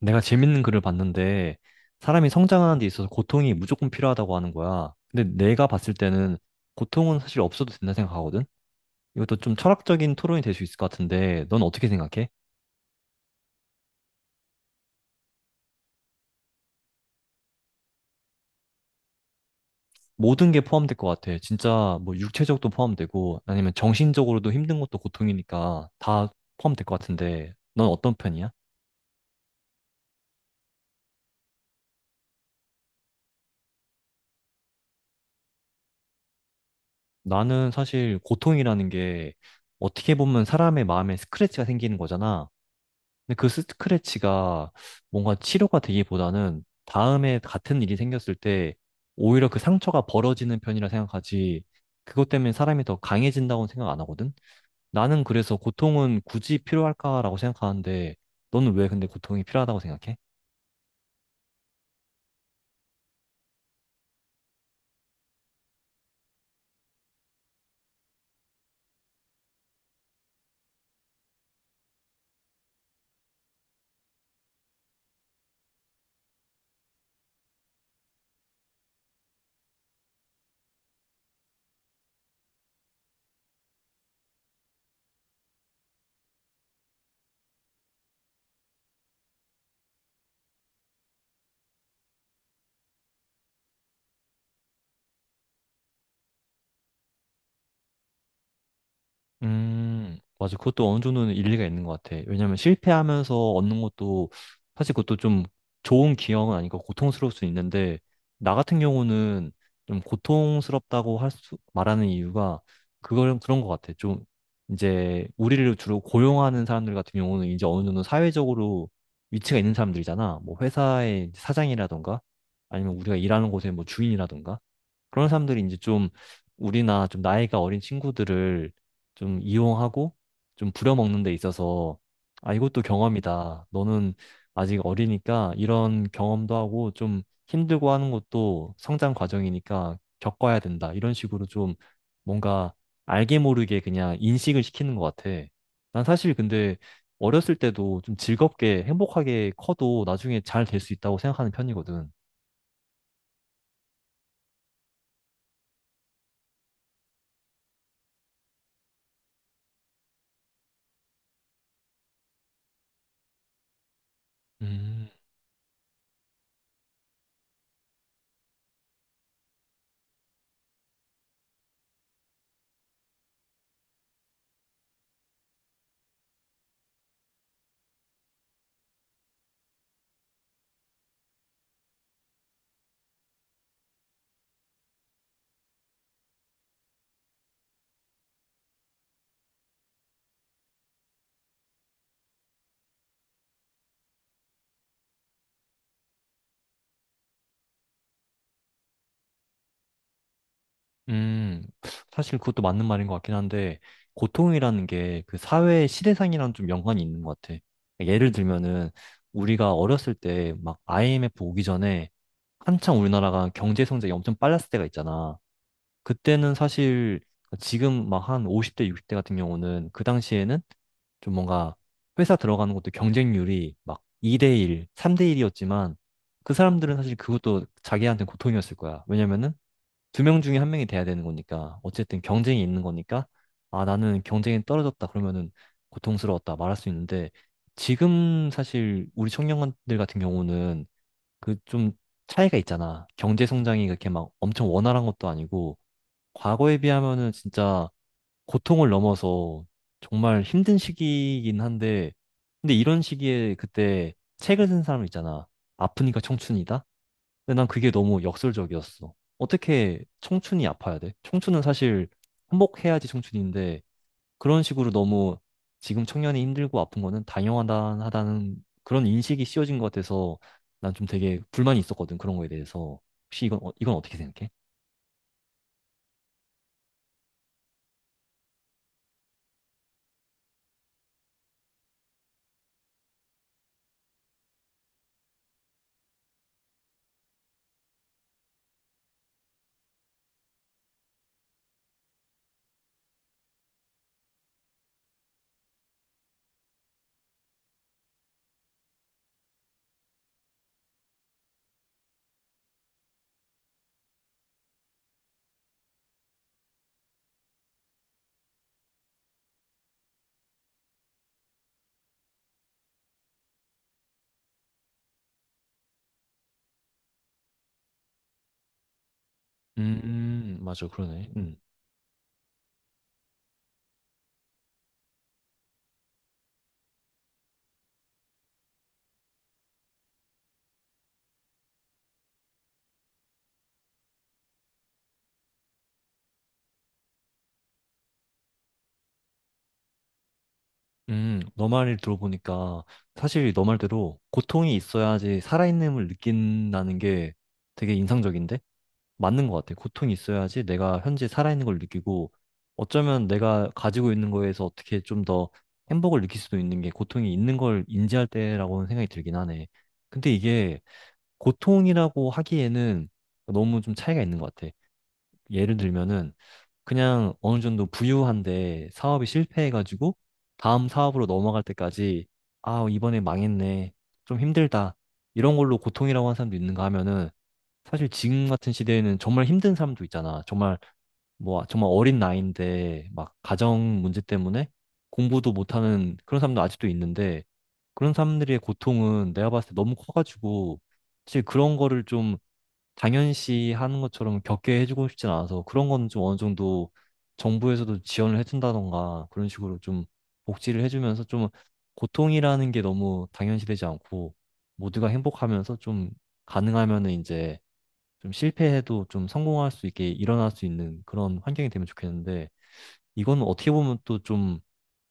내가 재밌는 글을 봤는데 사람이 성장하는 데 있어서 고통이 무조건 필요하다고 하는 거야. 근데 내가 봤을 때는 고통은 사실 없어도 된다 생각하거든? 이것도 좀 철학적인 토론이 될 수 있을 것 같은데 넌 어떻게 생각해? 모든 게 포함될 것 같아. 진짜 뭐 육체적도 포함되고 아니면 정신적으로도 힘든 것도 고통이니까 다 포함될 것 같은데 넌 어떤 편이야? 나는 사실 고통이라는 게 어떻게 보면 사람의 마음에 스크래치가 생기는 거잖아. 근데 그 스크래치가 뭔가 치료가 되기보다는 다음에 같은 일이 생겼을 때 오히려 그 상처가 벌어지는 편이라 생각하지. 그것 때문에 사람이 더 강해진다고는 생각 안 하거든? 나는 그래서 고통은 굳이 필요할까라고 생각하는데 너는 왜 근데 고통이 필요하다고 생각해? 맞아. 그것도 어느 정도는 일리가 있는 것 같아. 왜냐면 실패하면서 얻는 것도 사실 그것도 좀 좋은 기억은 아니고 고통스러울 수 있는데, 나 같은 경우는 좀 고통스럽다고 할 수, 말하는 이유가 그걸 그런 것 같아. 좀 이제 우리를 주로 고용하는 사람들 같은 경우는 이제 어느 정도 사회적으로 위치가 있는 사람들이잖아. 뭐 회사의 사장이라던가 아니면 우리가 일하는 곳의 뭐 주인이라던가, 그런 사람들이 이제 좀 우리나 좀 나이가 어린 친구들을 좀 이용하고 좀 부려먹는 데 있어서 아, 이것도 경험이다. 너는 아직 어리니까 이런 경험도 하고 좀 힘들고 하는 것도 성장 과정이니까 겪어야 된다. 이런 식으로 좀 뭔가 알게 모르게 그냥 인식을 시키는 것 같아. 난 사실 근데 어렸을 때도 좀 즐겁게 행복하게 커도 나중에 잘 될 수 있다고 생각하는 편이거든. 음. 음, 사실 그것도 맞는 말인 것 같긴 한데, 고통이라는 게 그 사회의 시대상이랑 좀 연관이 있는 것 같아. 그러니까 예를 들면은, 우리가 어렸을 때 막 IMF 오기 전에 한창 우리나라가 경제 성장이 엄청 빨랐을 때가 있잖아. 그때는 사실 지금 막 한 50대, 60대 같은 경우는 그 당시에는 좀 뭔가 회사 들어가는 것도 경쟁률이 막 2대1, 3대1이었지만 그 사람들은 사실 그것도 자기한테 고통이었을 거야. 왜냐면은 두 명 중에 한 명이 돼야 되는 거니까 어쨌든 경쟁이 있는 거니까, 아, 나는 경쟁이 떨어졌다 그러면은 고통스러웠다 말할 수 있는데, 지금 사실 우리 청년들 같은 경우는 그 좀 차이가 있잖아. 경제 성장이 그렇게 막 엄청 원활한 것도 아니고 과거에 비하면은 진짜 고통을 넘어서 정말 힘든 시기이긴 한데, 근데 이런 시기에 그때 책을 쓴 사람 있잖아. 아프니까 청춘이다. 근데 난 그게 너무 역설적이었어. 어떻게 청춘이 아파야 돼? 청춘은 사실 행복해야지 청춘인데, 그런 식으로 너무 지금 청년이 힘들고 아픈 거는 당연하다는 그런 인식이 씌워진 것 같아서 난 좀 되게 불만이 있었거든. 그런 거에 대해서. 혹시 이건 어떻게 생각해? 맞아, 그러네. 너 말을 들어보니까 사실 너 말대로 고통이 있어야지 살아있음을 느낀다는 게 되게 인상적인데? 맞는 것 같아. 고통이 있어야지 내가 현재 살아있는 걸 느끼고 어쩌면 내가 가지고 있는 거에서 어떻게 좀 더 행복을 느낄 수도 있는 게 고통이 있는 걸 인지할 때라고는 생각이 들긴 하네. 근데 이게 고통이라고 하기에는 너무 좀 차이가 있는 것 같아. 예를 들면은, 그냥 어느 정도 부유한데 사업이 실패해가지고 다음 사업으로 넘어갈 때까지 아, 이번에 망했네. 좀 힘들다. 이런 걸로 고통이라고 하는 사람도 있는가 하면은, 사실 지금 같은 시대에는 정말 힘든 사람도 있잖아. 정말 뭐 정말 어린 나이인데 막 가정 문제 때문에 공부도 못하는 그런 사람도 아직도 있는데, 그런 사람들의 고통은 내가 봤을 때 너무 커가지고 사실 그런 거를 좀 당연시 하는 것처럼 겪게 해주고 싶진 않아서, 그런 건 좀 어느 정도 정부에서도 지원을 해준다던가 그런 식으로 좀 복지를 해주면서, 좀 고통이라는 게 너무 당연시 되지 않고 모두가 행복하면서 좀 가능하면은 이제 좀 실패해도 좀 성공할 수 있게 일어날 수 있는 그런 환경이 되면 좋겠는데. 이거는 어떻게 보면 또 좀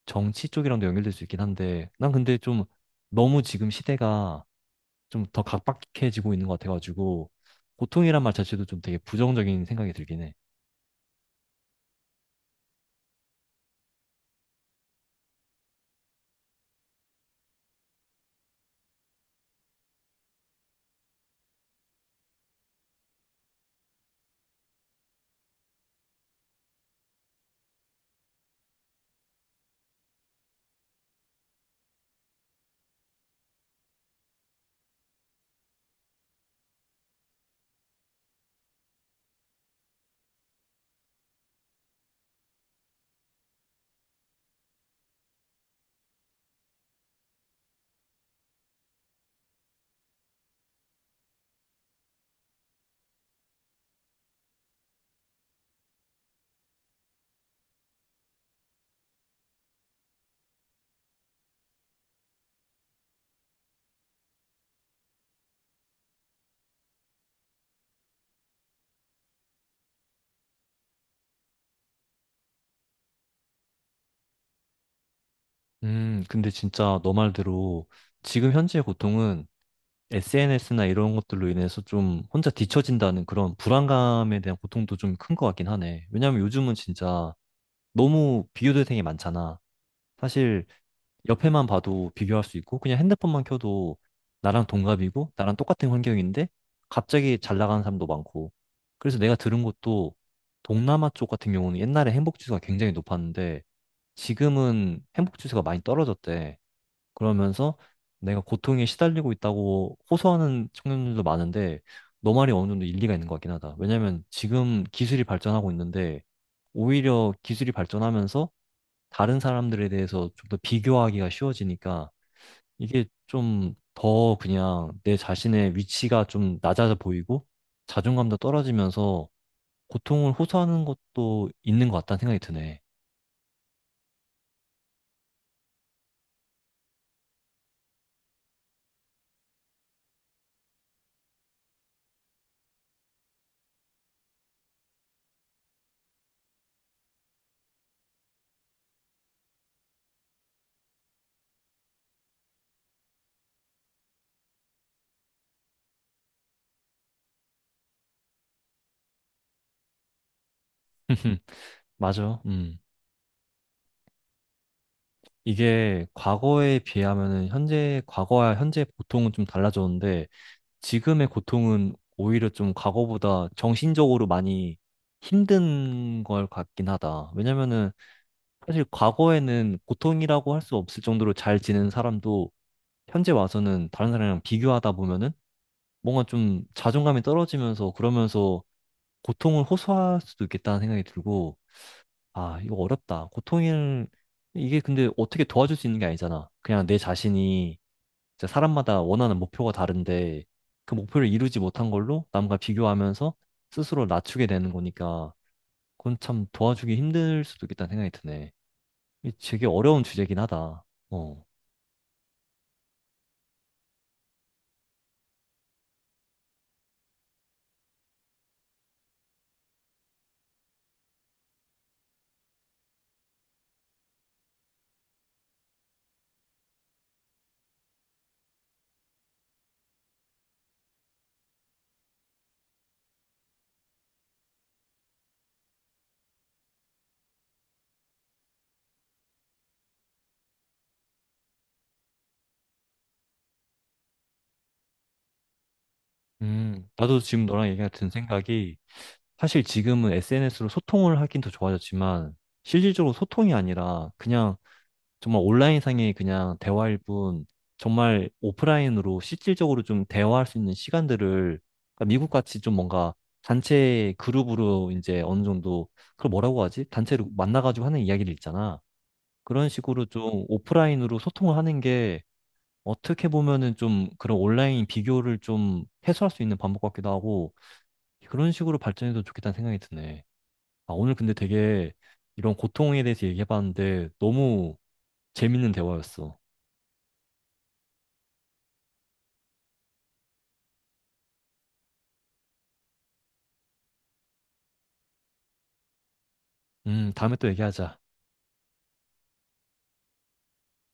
정치 쪽이랑도 연결될 수 있긴 한데, 난 근데 좀 너무 지금 시대가 좀 더 각박해지고 있는 것 같아가지고 고통이란 말 자체도 좀 되게 부정적인 생각이 들긴 해. 근데 진짜 너 말대로 지금 현재의 고통은 SNS나 이런 것들로 인해서 좀 혼자 뒤처진다는 그런 불안감에 대한 고통도 좀 큰 것 같긴 하네. 왜냐면 요즘은 진짜 너무 비교 대상이 많잖아. 사실 옆에만 봐도 비교할 수 있고 그냥 핸드폰만 켜도 나랑 동갑이고 나랑 똑같은 환경인데 갑자기 잘 나가는 사람도 많고, 그래서 내가 들은 것도 동남아 쪽 같은 경우는 옛날에 행복 지수가 굉장히 높았는데 지금은 행복 지수가 많이 떨어졌대. 그러면서 내가 고통에 시달리고 있다고 호소하는 청년들도 많은데, 너 말이 어느 정도 일리가 있는 것 같긴 하다. 왜냐면 지금 기술이 발전하고 있는데 오히려 기술이 발전하면서 다른 사람들에 대해서 좀 더 비교하기가 쉬워지니까 이게 좀 더 그냥 내 자신의 위치가 좀 낮아져 보이고 자존감도 떨어지면서 고통을 호소하는 것도 있는 것 같다는 생각이 드네. 맞아. 음. 이게 과거에 비하면은 현재, 과거와 현재 고통은 좀 달라졌는데 지금의 고통은 오히려 좀 과거보다 정신적으로 많이 힘든 걸 같긴 하다. 왜냐면은 사실 과거에는 고통이라고 할 수 없을 정도로 잘 지낸 사람도 현재 와서는 다른 사람이랑 비교하다 보면은 뭔가 좀 자존감이 떨어지면서 그러면서 고통을 호소할 수도 있겠다는 생각이 들고, 아, 이거 어렵다. 고통을 이게 근데 어떻게 도와줄 수 있는 게 아니잖아. 그냥 내 자신이 진짜 사람마다 원하는 목표가 다른데 그 목표를 이루지 못한 걸로 남과 비교하면서 스스로 낮추게 되는 거니까 그건 참 도와주기 힘들 수도 있겠다는 생각이 드네. 이 되게 어려운 주제긴 하다. 어. 나도 지금 너랑 얘기 같은 생각이 사실 지금은 SNS로 소통을 하긴 더 좋아졌지만 실질적으로 소통이 아니라 그냥 정말 온라인상의 그냥 대화일 뿐, 정말 오프라인으로 실질적으로 좀 대화할 수 있는 시간들을, 그러니까 미국 같이 좀 뭔가 단체 그룹으로 이제 어느 정도, 그걸 뭐라고 하지? 단체로 만나가지고 하는 이야기를 있잖아. 그런 식으로 좀 오프라인으로 소통을 하는 게 어떻게 보면은 좀 그런 온라인 비교를 좀 해소할 수 있는 방법 같기도 하고, 그런 식으로 발전해도 좋겠다는 생각이 드네. 아, 오늘 근데 되게 이런 고통에 대해서 얘기해봤는데 너무 재밌는 대화였어. 다음에 또 얘기하자.